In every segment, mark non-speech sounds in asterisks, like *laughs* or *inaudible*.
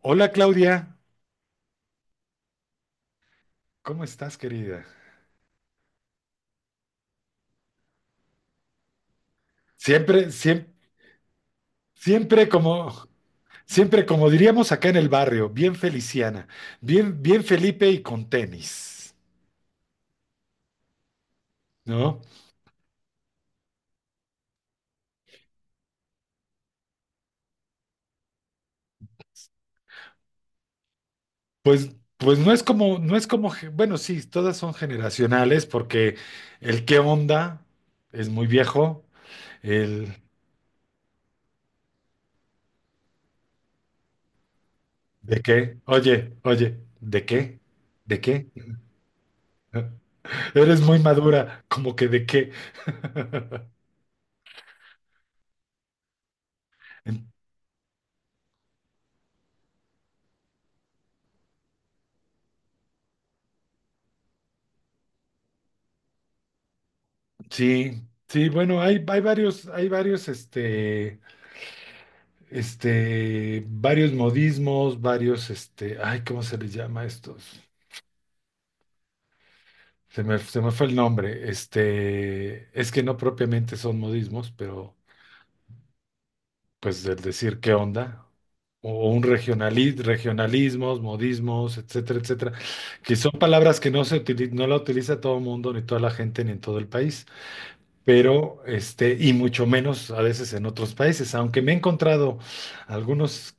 Hola Claudia, ¿cómo estás, querida? Siempre, siempre, como, siempre como diríamos acá en el barrio, bien feliciana, bien, bien Felipe y con tenis, ¿no? Pues no es como, bueno, sí, todas son generacionales porque el qué onda es muy viejo, el de qué, oye, oye, ¿de qué? ¿De qué? *laughs* Eres muy madura, como que de qué. Sí, sí, bueno, hay varios, varios modismos, ay, ¿cómo se les llama a estos? Se me fue el nombre, es que no propiamente son modismos, pero pues del decir qué onda, o un regionalismos, modismos, etcétera, etcétera, que son palabras que no se no la utiliza todo el mundo, ni toda la gente, ni en todo el país, pero y mucho menos a veces en otros países, aunque me he encontrado algunos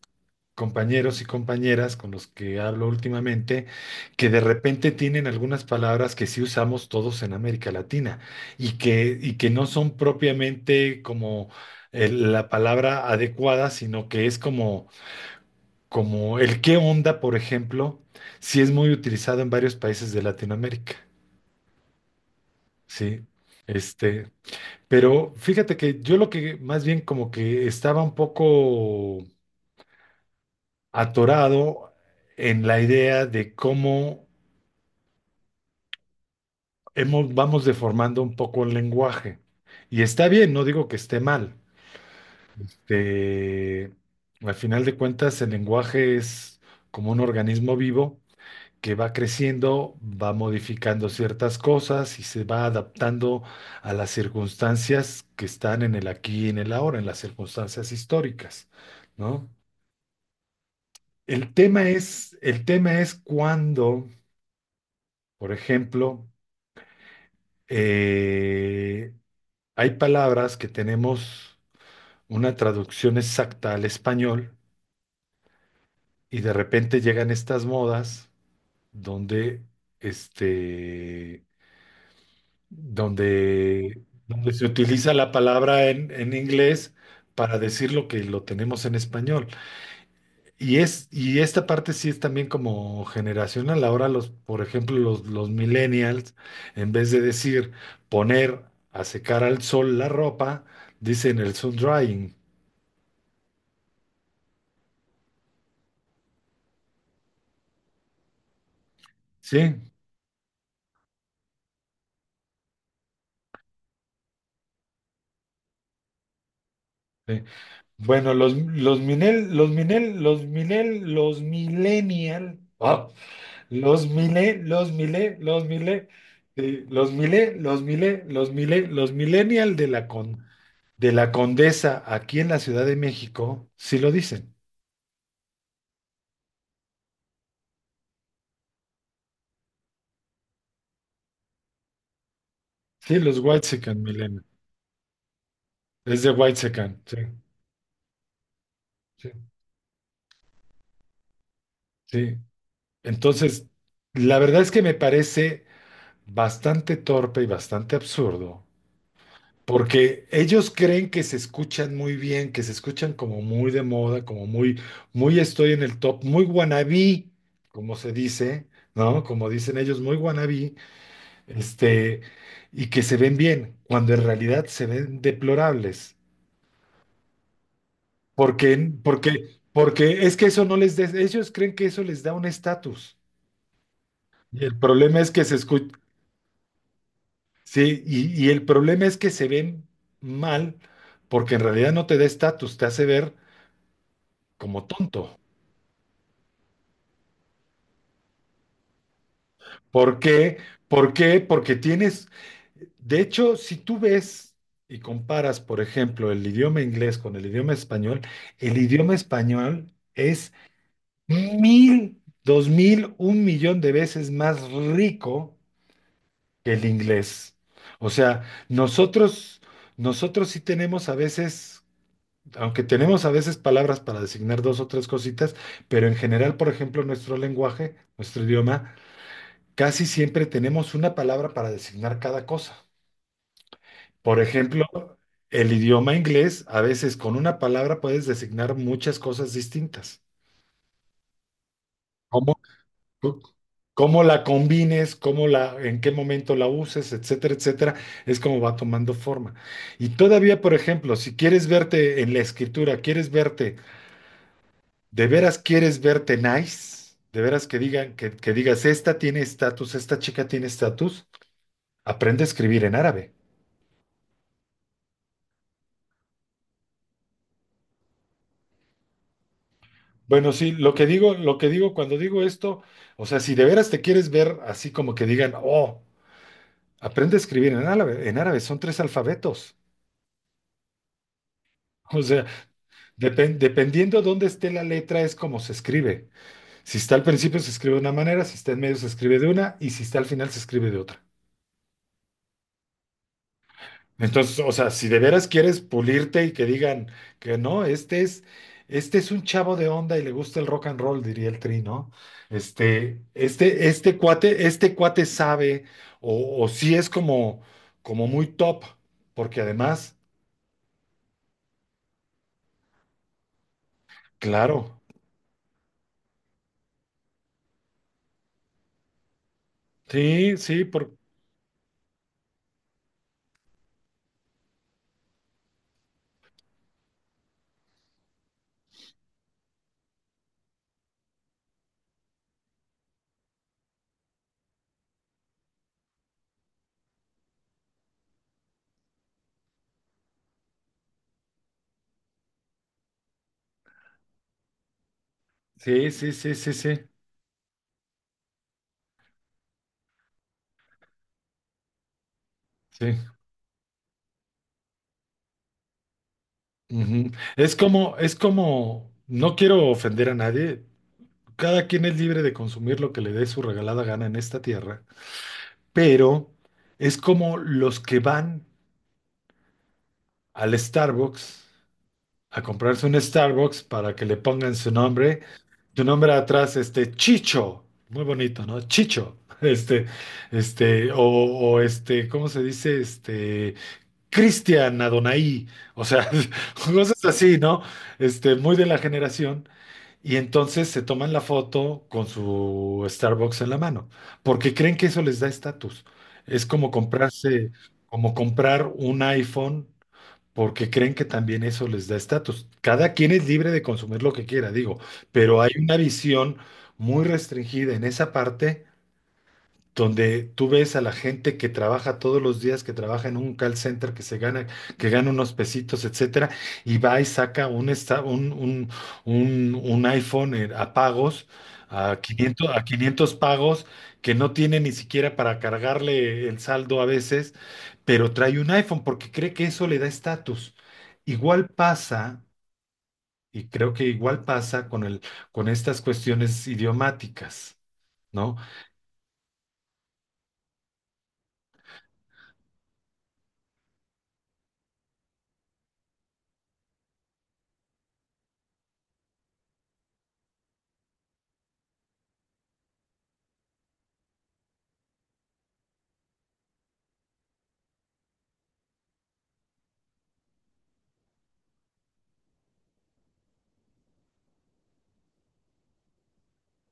compañeros y compañeras con los que hablo últimamente, que de repente tienen algunas palabras que sí usamos todos en América Latina y que no son propiamente como la palabra adecuada, sino que es como el qué onda, por ejemplo, sí es muy utilizado en varios países de Latinoamérica, ¿sí? Este, Pero fíjate que yo lo que más bien como que estaba un poco atorado en la idea de cómo vamos deformando un poco el lenguaje. Y está bien, no digo que esté mal. Eh, Al final de cuentas, el lenguaje es como un organismo vivo que va creciendo, va modificando ciertas cosas y se va adaptando a las circunstancias que están en el aquí y en el ahora, en las circunstancias históricas, ¿no? El tema es cuando, por ejemplo, eh, hay palabras que tenemos una traducción exacta al español y de repente llegan estas modas donde, este, se utiliza la palabra en inglés para decir lo que lo tenemos en español. Y esta parte sí es también como generacional. Ahora por ejemplo, los millennials, en vez de decir poner a secar al sol la ropa, dicen el sun drying. Sí. Sí. Bueno, los mile, los mile, los mile, sí, los millennial de la Condesa aquí en la Ciudad de México, sí lo dicen. Sí, los Whitexicans, Milena. Es de Whitexicans, sí, sí, sí. Entonces, la verdad es que me parece bastante torpe y bastante absurdo, porque ellos creen que se escuchan muy bien, que se escuchan como muy de moda, como muy estoy en el top, muy wannabe, como se dice, ¿no? Como dicen ellos, muy wannabe, este, y que se ven bien, cuando en realidad se ven deplorables. Porque es que eso no les da, ellos creen que eso les da un estatus. Y el problema es que se escu- sí, y el problema es que se ven mal, porque en realidad no te da estatus, te hace ver como tonto. ¿Por qué? ¿Por qué? Porque de hecho, si tú ves y comparas, por ejemplo, el idioma inglés con el idioma español es mil, dos mil, un millón de veces más rico que el inglés. O sea, nosotros sí tenemos a veces, aunque tenemos a veces palabras para designar dos o tres cositas, pero en general, por ejemplo, nuestro lenguaje, nuestro idioma, casi siempre tenemos una palabra para designar cada cosa. Por ejemplo, el idioma inglés, a veces con una palabra puedes designar muchas cosas distintas. c- Cómo la combines, en qué momento la uses, etcétera, etcétera, es como va tomando forma. Y todavía, por ejemplo, si quieres verte en la escritura, quieres verte, de veras quieres verte nice, de veras que digan, que digas, esta tiene estatus, esta chica tiene estatus, aprende a escribir en árabe. Bueno, sí, lo que digo cuando digo esto, o sea, si de veras te quieres ver así como que digan, oh, aprende a escribir en árabe, son tres alfabetos. *laughs* O sea, dependiendo dónde esté la letra, es como se escribe. Si está al principio, se escribe de una manera, si está en medio, se escribe de una, y si está al final, se escribe de otra. Entonces, o sea, si de veras quieres pulirte y que digan que no, este es un chavo de onda y le gusta el rock and roll, diría el Tri, ¿no? Este cuate sabe, o sí es como, muy top, porque además, claro, sí, sí, sí, sí, sí, sí, sí, sí. Ujú. Es como, no quiero ofender a nadie, cada quien es libre de consumir lo que le dé su regalada gana en esta tierra, pero es como los que van al Starbucks a comprarse un Starbucks para que le pongan su nombre atrás, este Chicho, muy bonito, ¿no? Chicho, *laughs* ¿cómo se dice? Cristian Adonai, o sea, *laughs* cosas así, ¿no? Muy de la generación. Y entonces se toman la foto con su Starbucks en la mano, porque creen que eso les da estatus. Es como como comprar un iPhone, porque creen que también eso les da estatus. Cada quien es libre de consumir lo que quiera, digo, pero hay una visión muy restringida en esa parte donde tú ves a la gente que trabaja todos los días, que trabaja en un call center, que gana unos pesitos, etcétera, y va y saca un, esta- un iPhone a pagos, a 500 pagos, que no tiene ni siquiera para cargarle el saldo a veces, pero trae un iPhone porque cree que eso le da estatus. Igual pasa, y creo que igual pasa con estas cuestiones idiomáticas, ¿no?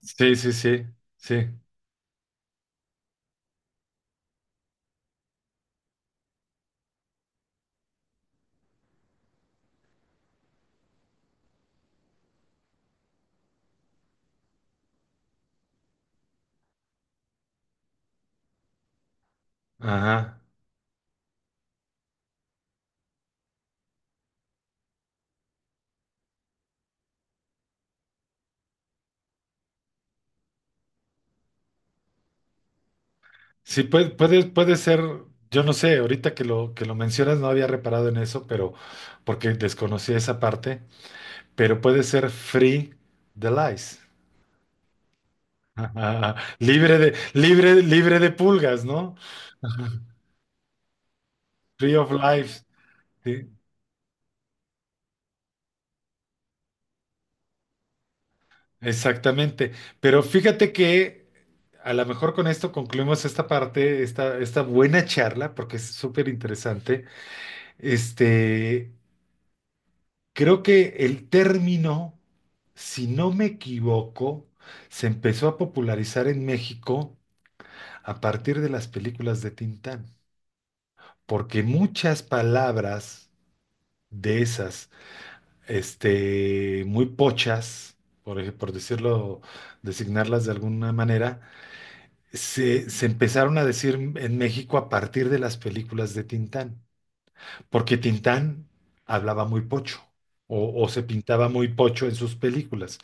Sí, sí, sí, sí. Ajá. Sí, puede ser, yo no sé, ahorita que lo mencionas no había reparado en eso, pero porque desconocía esa parte, pero puede ser free de lice. Ajá. *laughs* Libre de pulgas, ¿no? Free of life. Sí, exactamente. Pero fíjate que a lo mejor con esto concluimos esta parte, esta buena charla, porque es súper interesante. Este. Creo que el término, si no me equivoco, se empezó a popularizar en México a partir de las películas de Tintán, porque muchas palabras de esas, muy pochas, por decirlo, designarlas de alguna manera, se empezaron a decir en México a partir de las películas de Tintán, porque Tintán hablaba muy pocho o se pintaba muy pocho en sus películas.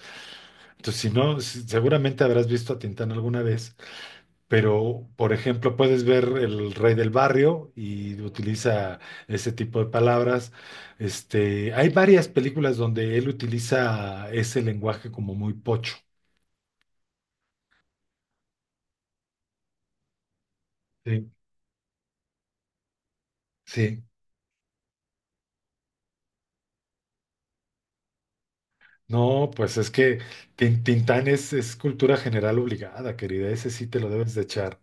Entonces, si no, seguramente habrás visto a Tintán alguna vez, pero por ejemplo, puedes ver el rey del barrio y utiliza ese tipo de palabras. Hay varias películas donde él utiliza ese lenguaje como muy pocho. Sí, sí. No, pues es que Tintán es cultura general obligada, querida. Ese sí te lo debes de echar.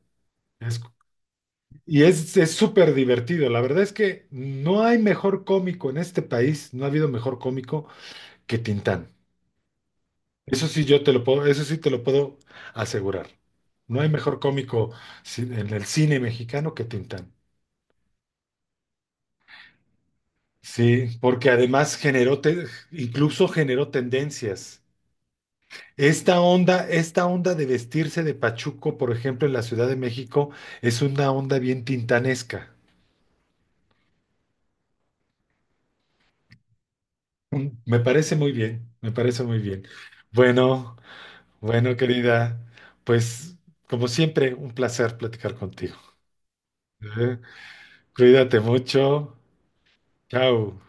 Es- y es súper divertido. La verdad es que no hay mejor cómico en este país, no ha habido mejor cómico que Tintán. Eso sí, yo te lo puedo, eso sí te lo puedo asegurar. No hay mejor cómico en el cine mexicano que Tintán. Sí, porque además incluso generó tendencias. Esta onda de vestirse de pachuco, por ejemplo, en la Ciudad de México, es una onda bien tintanesca. Me parece muy bien, me parece muy bien. Bueno, bueno, querida, pues como siempre, un placer platicar contigo. ¿Eh? Cuídate mucho. Chao.